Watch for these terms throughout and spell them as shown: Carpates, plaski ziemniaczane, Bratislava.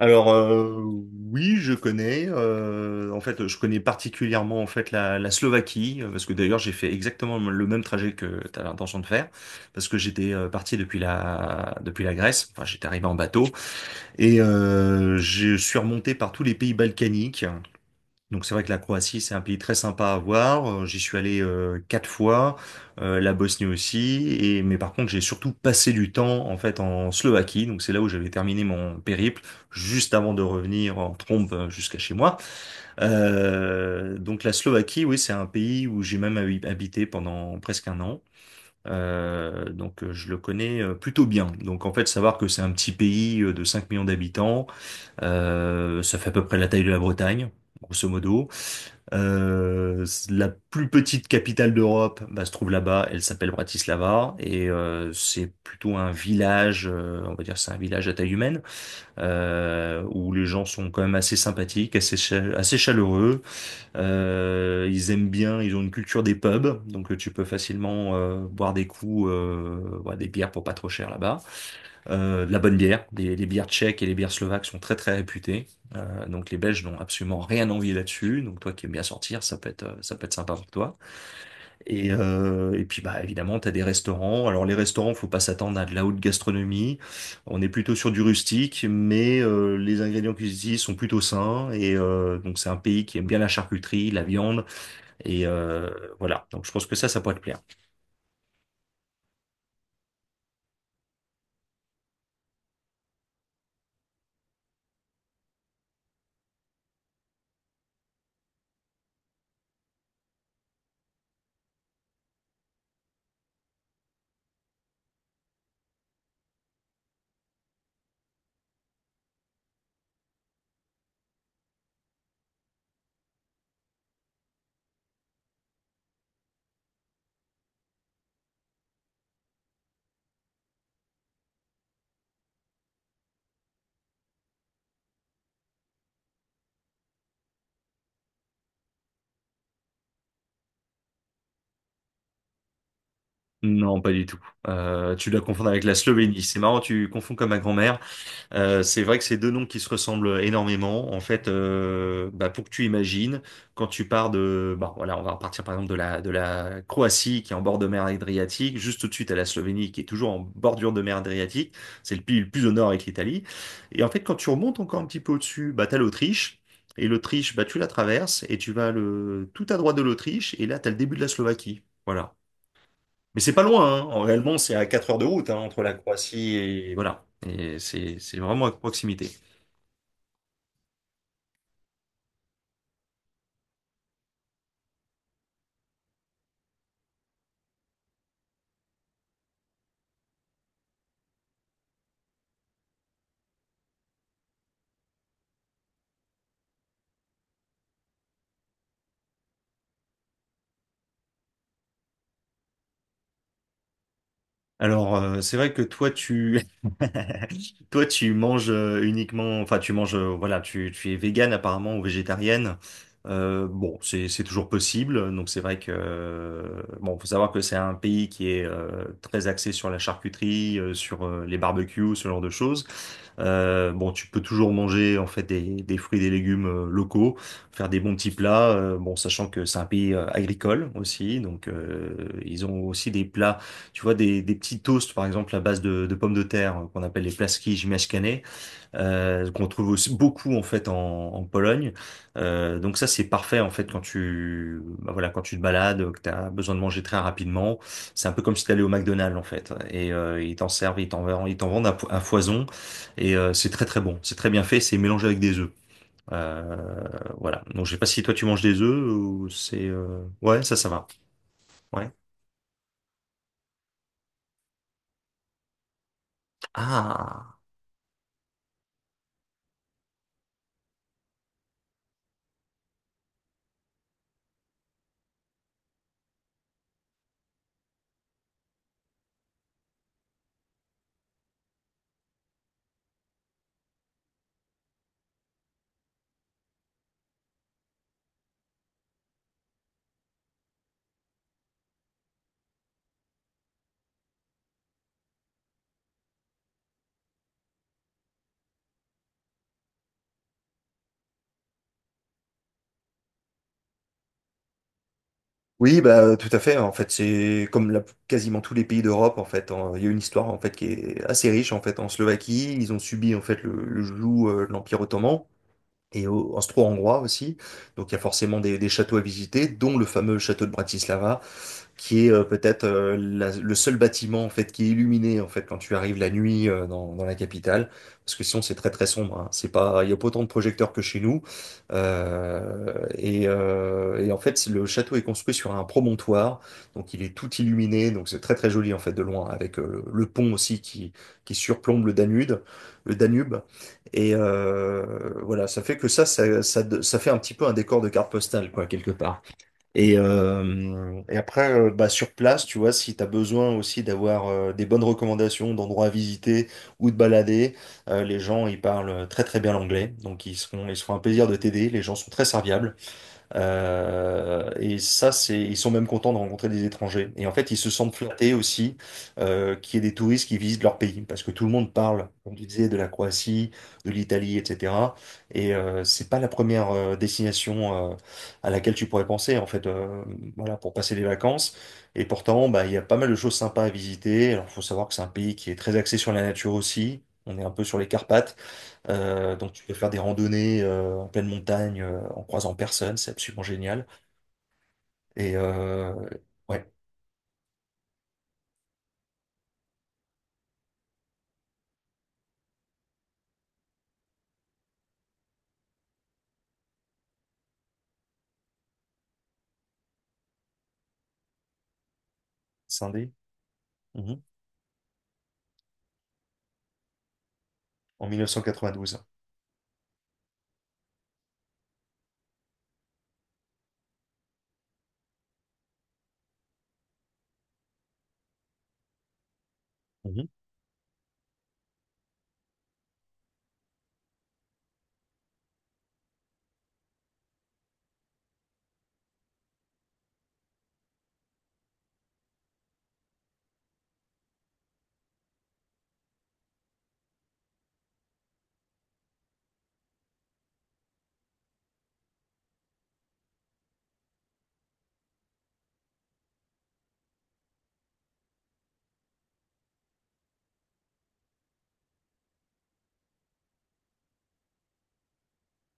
Alors oui, je connais. En fait, je connais particulièrement en fait la Slovaquie parce que d'ailleurs j'ai fait exactement le même trajet que tu as l'intention de faire parce que j'étais parti depuis la Grèce. Enfin, j'étais arrivé en bateau et je suis remonté par tous les pays balkaniques. Donc c'est vrai que la Croatie, c'est un pays très sympa à voir. J'y suis allé quatre fois, la Bosnie aussi. Et mais par contre, j'ai surtout passé du temps en fait en Slovaquie. Donc c'est là où j'avais terminé mon périple, juste avant de revenir en trombe jusqu'à chez moi. Donc la Slovaquie, oui, c'est un pays où j'ai même habité pendant presque un an. Je le connais plutôt bien. Donc en fait, savoir que c'est un petit pays de 5 millions d'habitants ça fait à peu près la taille de la Bretagne, grosso modo. La plus petite capitale d'Europe se trouve là-bas. Elle s'appelle Bratislava, et c'est plutôt un village, on va dire c'est un village à taille humaine, où les gens sont quand même assez sympathiques, assez, assez chaleureux. Ils aiment bien, ils ont une culture des pubs. Donc tu peux facilement boire des coups, boire des bières pour pas trop cher là-bas. De la bonne bière. Les bières tchèques et les bières slovaques sont très très réputées. Donc les Belges n'ont absolument rien envie là-dessus. Donc toi qui aimes bien sortir, ça peut être sympa pour toi. Et puis bah évidemment, tu as des restaurants. Alors les restaurants, faut pas s'attendre à de la haute gastronomie. On est plutôt sur du rustique, mais les ingrédients qu'ils utilisent sont plutôt sains. Donc c'est un pays qui aime bien la charcuterie, la viande. Et euh, voilà. Donc je pense que ça pourrait te plaire. Non, pas du tout. Tu dois confondre avec la Slovénie. C'est marrant, tu confonds comme ma grand-mère. C'est vrai que c'est deux noms qui se ressemblent énormément. En fait, pour que tu imagines, quand tu pars de, bah, voilà, on va repartir par exemple de la Croatie qui est en bord de mer Adriatique, juste tout de suite à la Slovénie qui est toujours en bordure de mer Adriatique. C'est le pays le plus au nord avec l'Italie. Et en fait, quand tu remontes encore un petit peu au-dessus, bah, t'as l'Autriche. Et l'Autriche, bah, tu la traverses et tu vas le tout à droite de l'Autriche et là, t'as le début de la Slovaquie. Voilà. Mais c'est pas loin, hein. En réellement, c'est à 4 heures de route, hein, entre la Croatie et voilà. Et c'est vraiment à proximité. C'est vrai que toi, toi, tu manges uniquement, enfin, tu manges, voilà, tu es végane apparemment ou végétarienne. Bon, c'est toujours possible. Donc, c'est vrai que, bon, faut savoir que c'est un pays qui est très axé sur la charcuterie, sur les barbecues, ce genre de choses. Bon, tu peux toujours manger en fait des fruits, des légumes locaux, faire des bons petits plats. Bon, sachant que c'est un pays agricole aussi, donc ils ont aussi des plats, tu vois, des petits toasts, par exemple, à base de pommes de terre, qu'on appelle les plaski ziemniaczane, qu'on trouve aussi beaucoup, en fait, en Pologne. Donc ça, c'est parfait, en fait, quand tu te balades, que tu as besoin de manger très rapidement. C'est un peu comme si tu allais au McDonald's, en fait. Et ils t'en servent, ils t'en vendent à foison. Et c'est très, très bon. C'est très bien fait. C'est mélangé avec des œufs. Euh, voilà. Donc, je sais pas si toi, tu manges des œufs ou c'est. Ouais, ça va. Ouais. Ah! Oui, bah, tout à fait. En fait, c'est comme quasiment tous les pays d'Europe. En fait, hein. Il y a une histoire en fait qui est assez riche. En fait, en Slovaquie, ils ont subi en fait le joug de l'Empire ottoman et austro-hongrois aussi. Donc, il y a forcément des châteaux à visiter, dont le fameux château de Bratislava, qui est peut-être le seul bâtiment en fait qui est illuminé en fait quand tu arrives la nuit dans la capitale parce que sinon c'est très très sombre, hein. c'est pas Il y a pas autant de projecteurs que chez nous. Et en fait le château est construit sur un promontoire, donc il est tout illuminé, donc c'est très très joli en fait de loin avec le pont aussi qui surplombe le Danube. Et voilà, ça fait que ça fait un petit peu un décor de carte postale, quoi, quelque part. Et après, bah, sur place, tu vois, si tu as besoin aussi d'avoir des bonnes recommandations d'endroits à visiter ou de balader, les gens, ils parlent très très bien l'anglais. Donc, ils seront un plaisir de t'aider. Les gens sont très serviables. Et ça, ils sont même contents de rencontrer des étrangers. Et en fait, ils se sentent flattés aussi qu'il y ait des touristes qui visitent leur pays, parce que tout le monde parle, comme tu disais, de la Croatie, de l'Italie, etc. Et c'est pas la première destination à laquelle tu pourrais penser, en fait, voilà, pour passer les vacances. Et pourtant, bah, il y a pas mal de choses sympas à visiter. Alors, faut savoir que c'est un pays qui est très axé sur la nature aussi. On est un peu sur les Carpates. Donc tu peux faire des randonnées en pleine montagne en croisant personne, c'est absolument génial. Et ouais, scindé, mhm, en 1992. Mhm.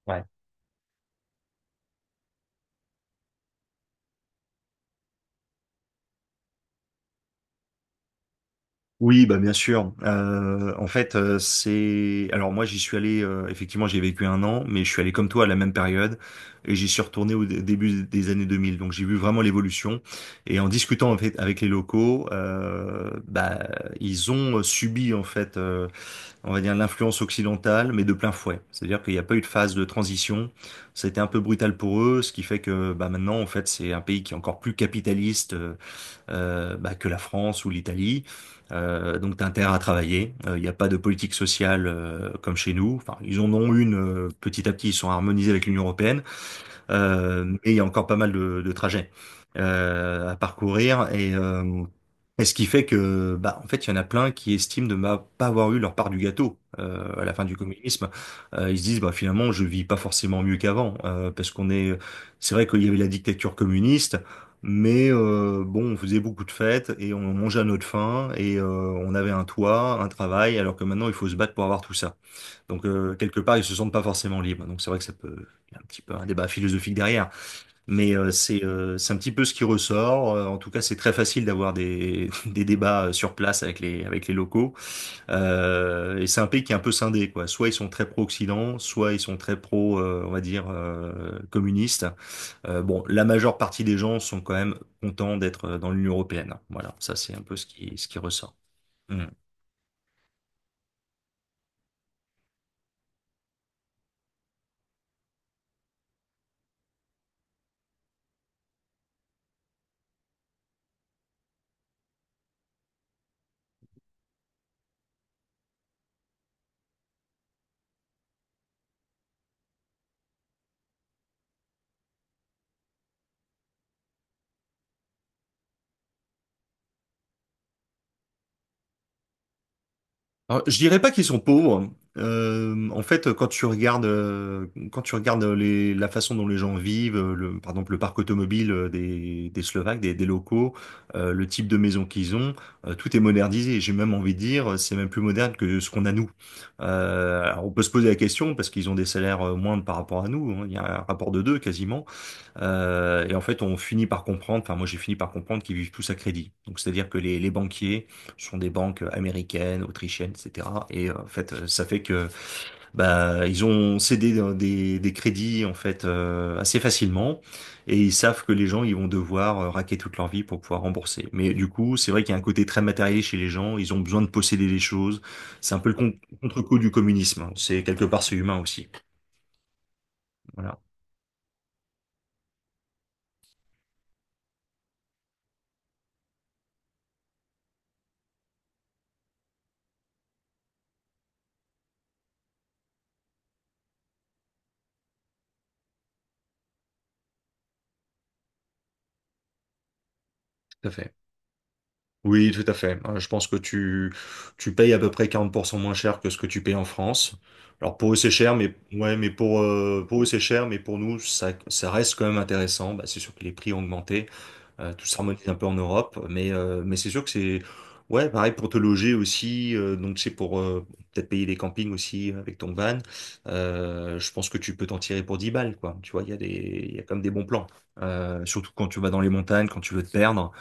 Ouais. Oui, bah bien sûr. En fait, c'est. Alors moi, j'y suis allé. Effectivement, j'ai vécu un an, mais je suis allé comme toi à la même période, et j'y suis retourné au début des années 2000. Donc j'ai vu vraiment l'évolution. Et en discutant en fait avec les locaux, bah ils ont subi en fait, on va dire, l'influence occidentale, mais de plein fouet. C'est-à-dire qu'il n'y a pas eu de phase de transition. Ça a été un peu brutal pour eux, ce qui fait que bah, maintenant, en fait, c'est un pays qui est encore plus capitaliste, bah, que la France ou l'Italie. T'as intérêt à travailler. Il n'y a pas de politique sociale comme chez nous. Enfin, ils en ont une, petit à petit, ils sont harmonisés avec l'Union européenne. Mais il y a encore pas mal de trajets à parcourir. Et ce qui fait que, bah, en fait, il y en a plein qui estiment de ne pas avoir eu leur part du gâteau à la fin du communisme. Ils se disent, bah, finalement, je vis pas forcément mieux qu'avant, parce c'est vrai qu'il y avait la dictature communiste. Mais bon, on faisait beaucoup de fêtes et on mangeait à notre faim, et on avait un toit, un travail, alors que maintenant il faut se battre pour avoir tout ça. Donc quelque part, ils se sentent pas forcément libres. Donc c'est vrai que il y a un petit peu un débat philosophique derrière, mais c'est un petit peu ce qui ressort. En tout cas, c'est très facile d'avoir des des débats sur place avec les locaux. Et c'est un pays qui est un peu scindé, quoi. Soit ils sont très pro-Occident, soit ils sont très pro, on va dire, communistes. Bon, la majeure partie des gens sont quand même contents d'être dans l'Union européenne. Voilà, ça c'est un peu ce qui ressort. Mm. Alors, je dirais pas qu'ils sont pauvres. En fait, quand tu regardes la façon dont les gens vivent, par exemple le parc automobile des Slovaques, des locaux, le type de maison qu'ils ont, tout est modernisé. J'ai même envie de dire, c'est même plus moderne que ce qu'on a nous. Alors on peut se poser la question parce qu'ils ont des salaires moindres par rapport à nous, hein. Il y a un rapport de deux quasiment. Et en fait, on finit par comprendre, enfin moi j'ai fini par comprendre qu'ils vivent tous à crédit. Donc c'est-à-dire que les banquiers sont des banques américaines, autrichiennes, etc. Et en fait, ça fait que bah ils ont cédé des crédits en fait assez facilement, et ils savent que les gens ils vont devoir raquer toute leur vie pour pouvoir rembourser. Mais du coup, c'est vrai qu'il y a un côté très matériel chez les gens. Ils ont besoin de posséder des choses. C'est un peu le contre-coup du communisme. C'est quelque part c'est humain aussi. Voilà. Tout à fait. Oui, tout à fait. Je pense que tu payes à peu près 40% moins cher que ce que tu payes en France. Alors pour eux c'est cher, mais ouais, mais pour eux c'est cher, mais pour nous ça reste quand même intéressant. Bah, c'est sûr que les prix ont augmenté, tout s'harmonise un peu en Europe, mais c'est sûr que c'est, ouais, pareil pour te loger aussi. Donc c'est pour peut-être payer des campings aussi avec ton van. Je pense que tu peux t'en tirer pour 10 balles, quoi. Tu vois, il y a quand même des bons plans. Surtout quand tu vas dans les montagnes, quand tu veux te perdre.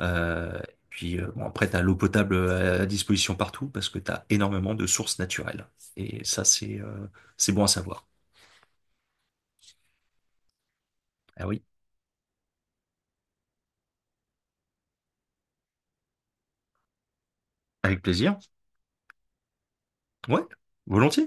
Euh, Puis bon, après, tu as l'eau potable à disposition partout parce que tu as énormément de sources naturelles. Et ça, c'est bon à savoir. Ah oui, avec plaisir. Ouais, volontiers.